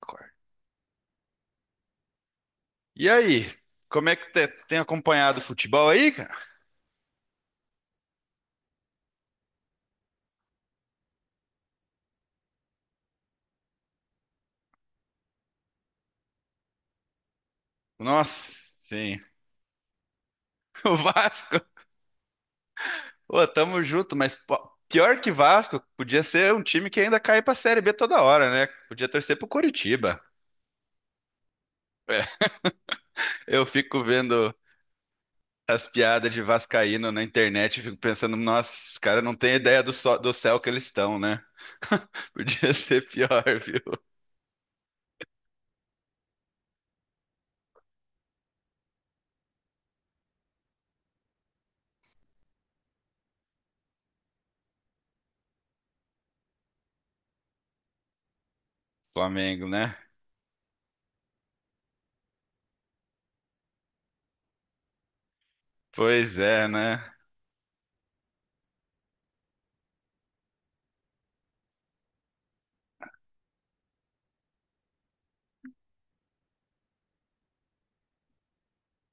Concordo. E aí, como é que tem acompanhado o futebol aí, cara? Nossa, sim. O Vasco, ô, tamo junto, mas pô, pior que Vasco, podia ser um time que ainda cai pra Série B toda hora, né? Podia torcer pro Coritiba. É, eu fico vendo as piadas de vascaíno na internet e fico pensando, nossa, esses caras não têm ideia do céu que eles estão, né? Podia ser pior, viu? Flamengo, né? Pois é, né?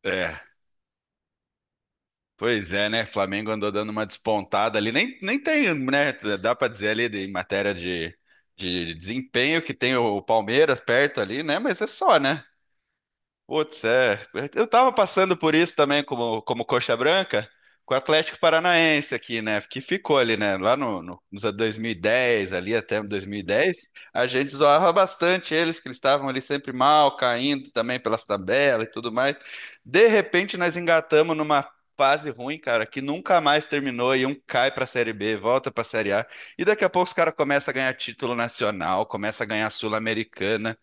É. Pois é, né? Flamengo andou dando uma despontada ali. Nem tem, né? Dá pra dizer em matéria de desempenho que tem o Palmeiras perto ali, né? Mas é só, né? Putz, é. Eu tava passando por isso também como coxa branca com o Atlético Paranaense aqui, né? Que ficou ali, né? Lá no, no, nos anos 2010 ali até 2010 a gente zoava bastante eles, que eles estavam ali sempre mal, caindo também pelas tabelas e tudo mais. De repente, nós engatamos numa fase ruim, cara, que nunca mais terminou e um cai pra Série B, volta pra Série A. E daqui a pouco os caras começam a ganhar título nacional, começa a ganhar Sul-Americana.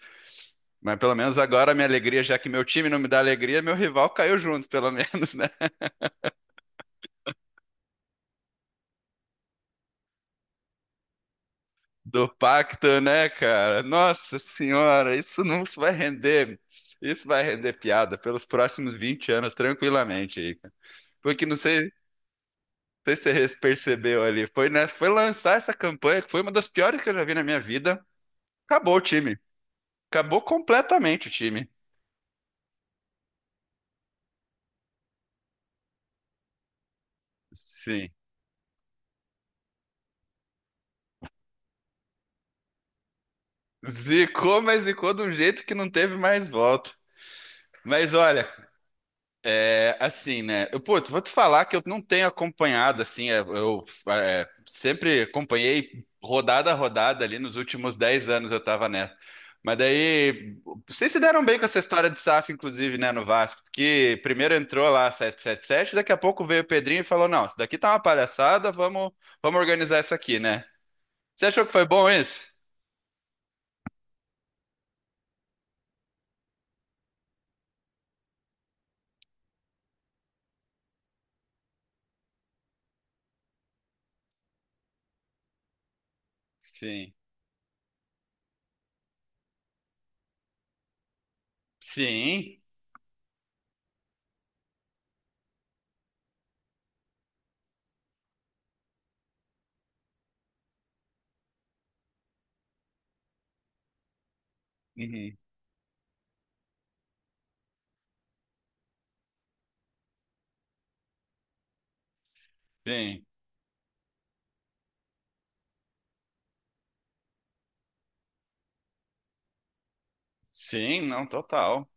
Mas pelo menos agora a minha alegria, já que meu time não me dá alegria, meu rival caiu junto, pelo menos, né? Do pacto, né, cara? Nossa senhora, isso não isso vai render. Isso vai render piada pelos próximos 20 anos, tranquilamente aí, cara. Porque não sei se você percebeu ali, foi, né, foi lançar essa campanha, que foi uma das piores que eu já vi na minha vida. Acabou o time. Acabou completamente o time. Sim. Zicou, mas zicou de um jeito que não teve mais volta. Mas olha, é, assim, né? Eu, pô, vou te falar que eu não tenho acompanhado, assim, é, sempre acompanhei rodada a rodada ali nos últimos 10 anos eu tava nessa. Mas daí, vocês se deram bem com essa história de SAF, inclusive, né, no Vasco, porque primeiro entrou lá 777 daqui a pouco veio o Pedrinho e falou, não, isso daqui tá uma palhaçada, vamos, vamos organizar isso aqui, né? Você achou que foi bom isso? Sim. Sim. Uhum. Sim. Sim, não, total.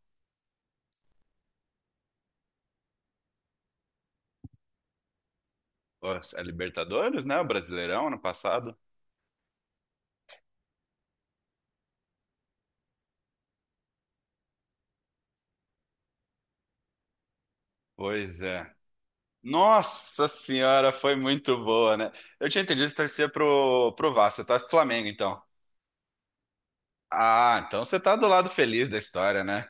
Pô, a Libertadores, né? O Brasileirão ano passado. Pois é. Nossa senhora, foi muito boa, né? Eu tinha entendido que você torcia pro Vasco, você torce pro Flamengo, então. Ah, então você tá do lado feliz da história, né?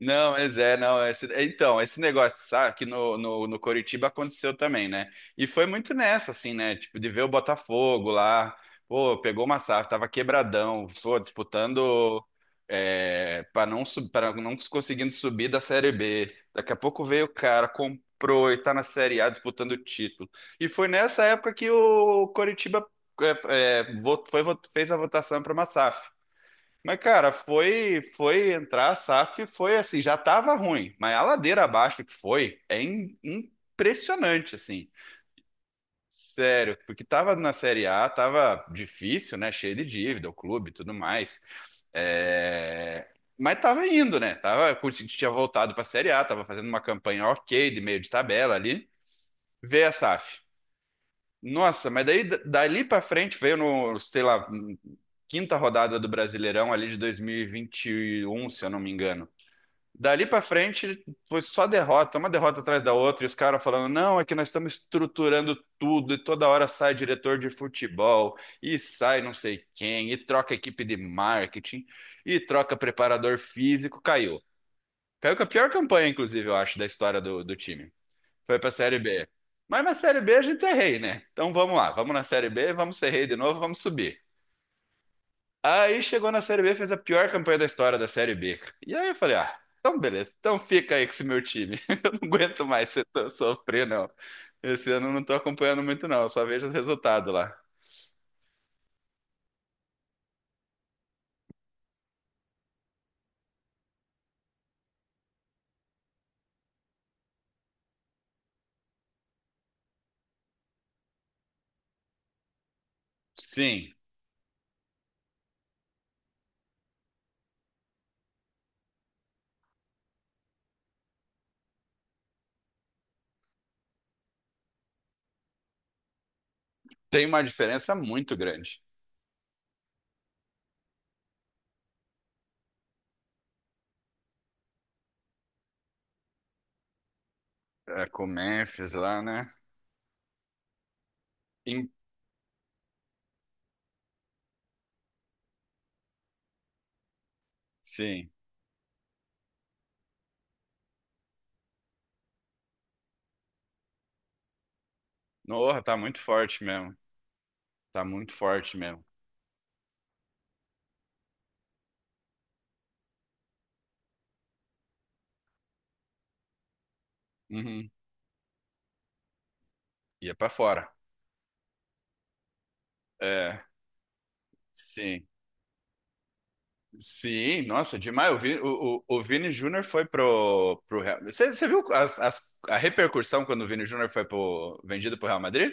Não, mas é, não. Esse, é, então, esse negócio, sabe, que no Coritiba aconteceu também, né? E foi muito nessa, assim, né? Tipo, de ver o Botafogo lá, pô, pegou uma safra, tava quebradão, pô, disputando é, para não, sub- pra não conseguindo subir da Série B. Daqui a pouco veio o cara, comprou e tá na Série A disputando o título. E foi nessa época que o Coritiba fez a votação para uma SAF. Mas, cara, foi entrar a SAF, foi assim, já tava ruim, mas a ladeira abaixo que foi é impressionante, assim. Sério, porque tava na Série A, tava difícil, né? Cheio de dívida, o clube e tudo mais. É, mas tava indo, né? Tava, tinha voltado pra Série A, tava fazendo uma campanha ok, de meio de tabela ali. Veio a SAF. Nossa, mas daí dali pra frente veio no, sei lá, quinta rodada do Brasileirão ali de 2021, se eu não me engano. Dali pra frente foi só derrota, uma derrota atrás da outra, e os caras falando: não, é que nós estamos estruturando tudo, e toda hora sai diretor de futebol, e sai não sei quem, e troca equipe de marketing, e troca preparador físico. Caiu. Caiu com a pior campanha, inclusive, eu acho, da história do time. Foi pra Série B. Mas na Série B a gente é rei, né? Então vamos lá, vamos na Série B, vamos ser rei de novo, vamos subir. Aí chegou na Série B, fez a pior campanha da história da Série B. E aí eu falei, ah, então beleza, então fica aí com esse meu time. Eu não aguento mais sofrer, não. Esse ano eu não tô acompanhando muito, não, eu só vejo os resultados lá. Sim, tem uma diferença muito grande. É, com o Memphis lá, né? Em- Sim. Nossa, tá muito forte mesmo. Tá muito forte mesmo. Uhum. Ia pra fora. É, sim. Sim, nossa, demais. O Vini, o Vini Júnior foi pro Real. Você viu a repercussão quando o Vini Júnior foi pro, vendido pro Real Madrid?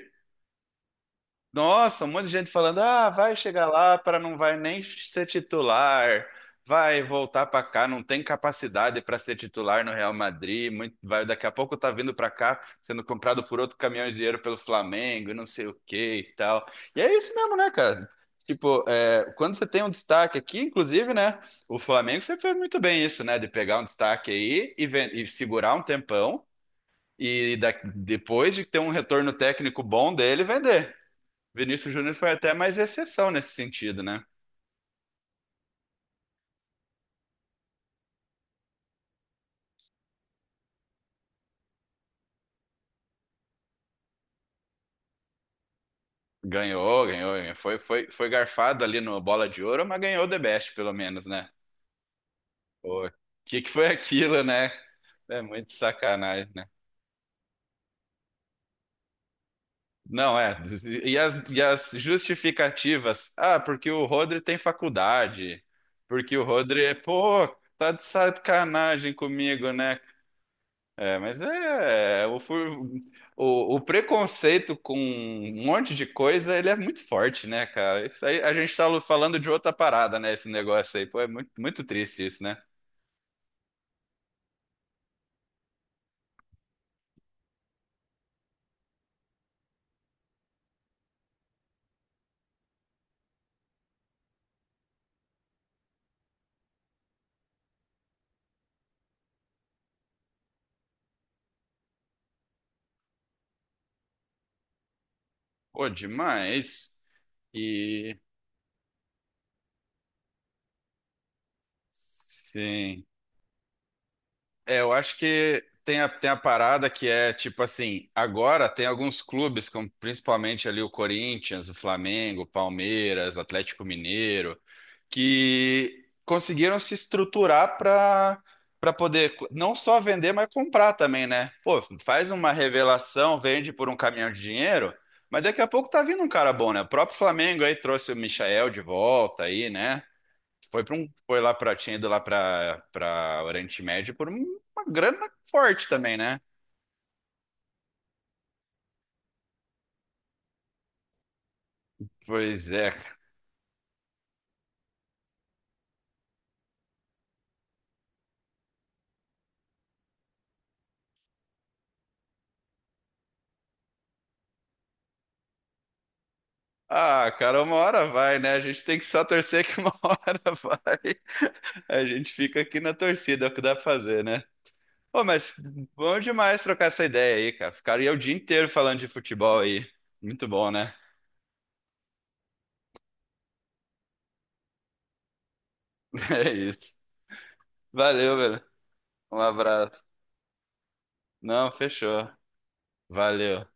Nossa, um monte de gente falando: ah, vai chegar lá para não vai nem ser titular, vai voltar para cá, não tem capacidade para ser titular no Real Madrid, vai daqui a pouco tá vindo para cá sendo comprado por outro caminhão de dinheiro pelo Flamengo, e não sei o que e tal. E é isso mesmo, né, cara? Tipo, é, quando você tem um destaque aqui, inclusive, né? O Flamengo você fez muito bem isso, né? De pegar um destaque aí e segurar um tempão e depois de ter um retorno técnico bom dele, vender. Vinícius Júnior foi até mais exceção nesse sentido, né? Ganhou, ganhou, ganhou. Foi garfado ali no Bola de Ouro, mas ganhou o The Best, pelo menos, né? O que que foi aquilo, né? É muito sacanagem, né? Não, é. E e as justificativas? Ah, porque o Rodri tem faculdade. Porque o Rodri é, pô, tá de sacanagem comigo, né? É, mas o preconceito com um monte de coisa, ele é muito forte, né, cara? Isso aí, a gente tá falando de outra parada, né? Esse negócio aí, pô, é muito, muito triste isso, né? Pô, demais. E sim, é, eu acho que tem tem a parada que é tipo assim, agora tem alguns clubes, como principalmente ali o Corinthians, o Flamengo, o Palmeiras, Atlético Mineiro, que conseguiram se estruturar para poder não só vender, mas comprar também, né? Pô, faz uma revelação, vende por um caminhão de dinheiro, mas daqui a pouco tá vindo um cara bom, né? O próprio Flamengo aí trouxe o Michael de volta aí, né? Foi para um foi lá para tinha ido lá para Oriente Médio por uma grana forte também, né? Pois é. Ah, cara, uma hora vai, né? A gente tem que só torcer que uma hora vai. A gente fica aqui na torcida, é o que dá pra fazer, né? Pô, mas bom demais trocar essa ideia aí, cara. Ficaria o dia inteiro falando de futebol aí. Muito bom, né? É isso. Valeu, velho. Um abraço. Não, fechou. Valeu.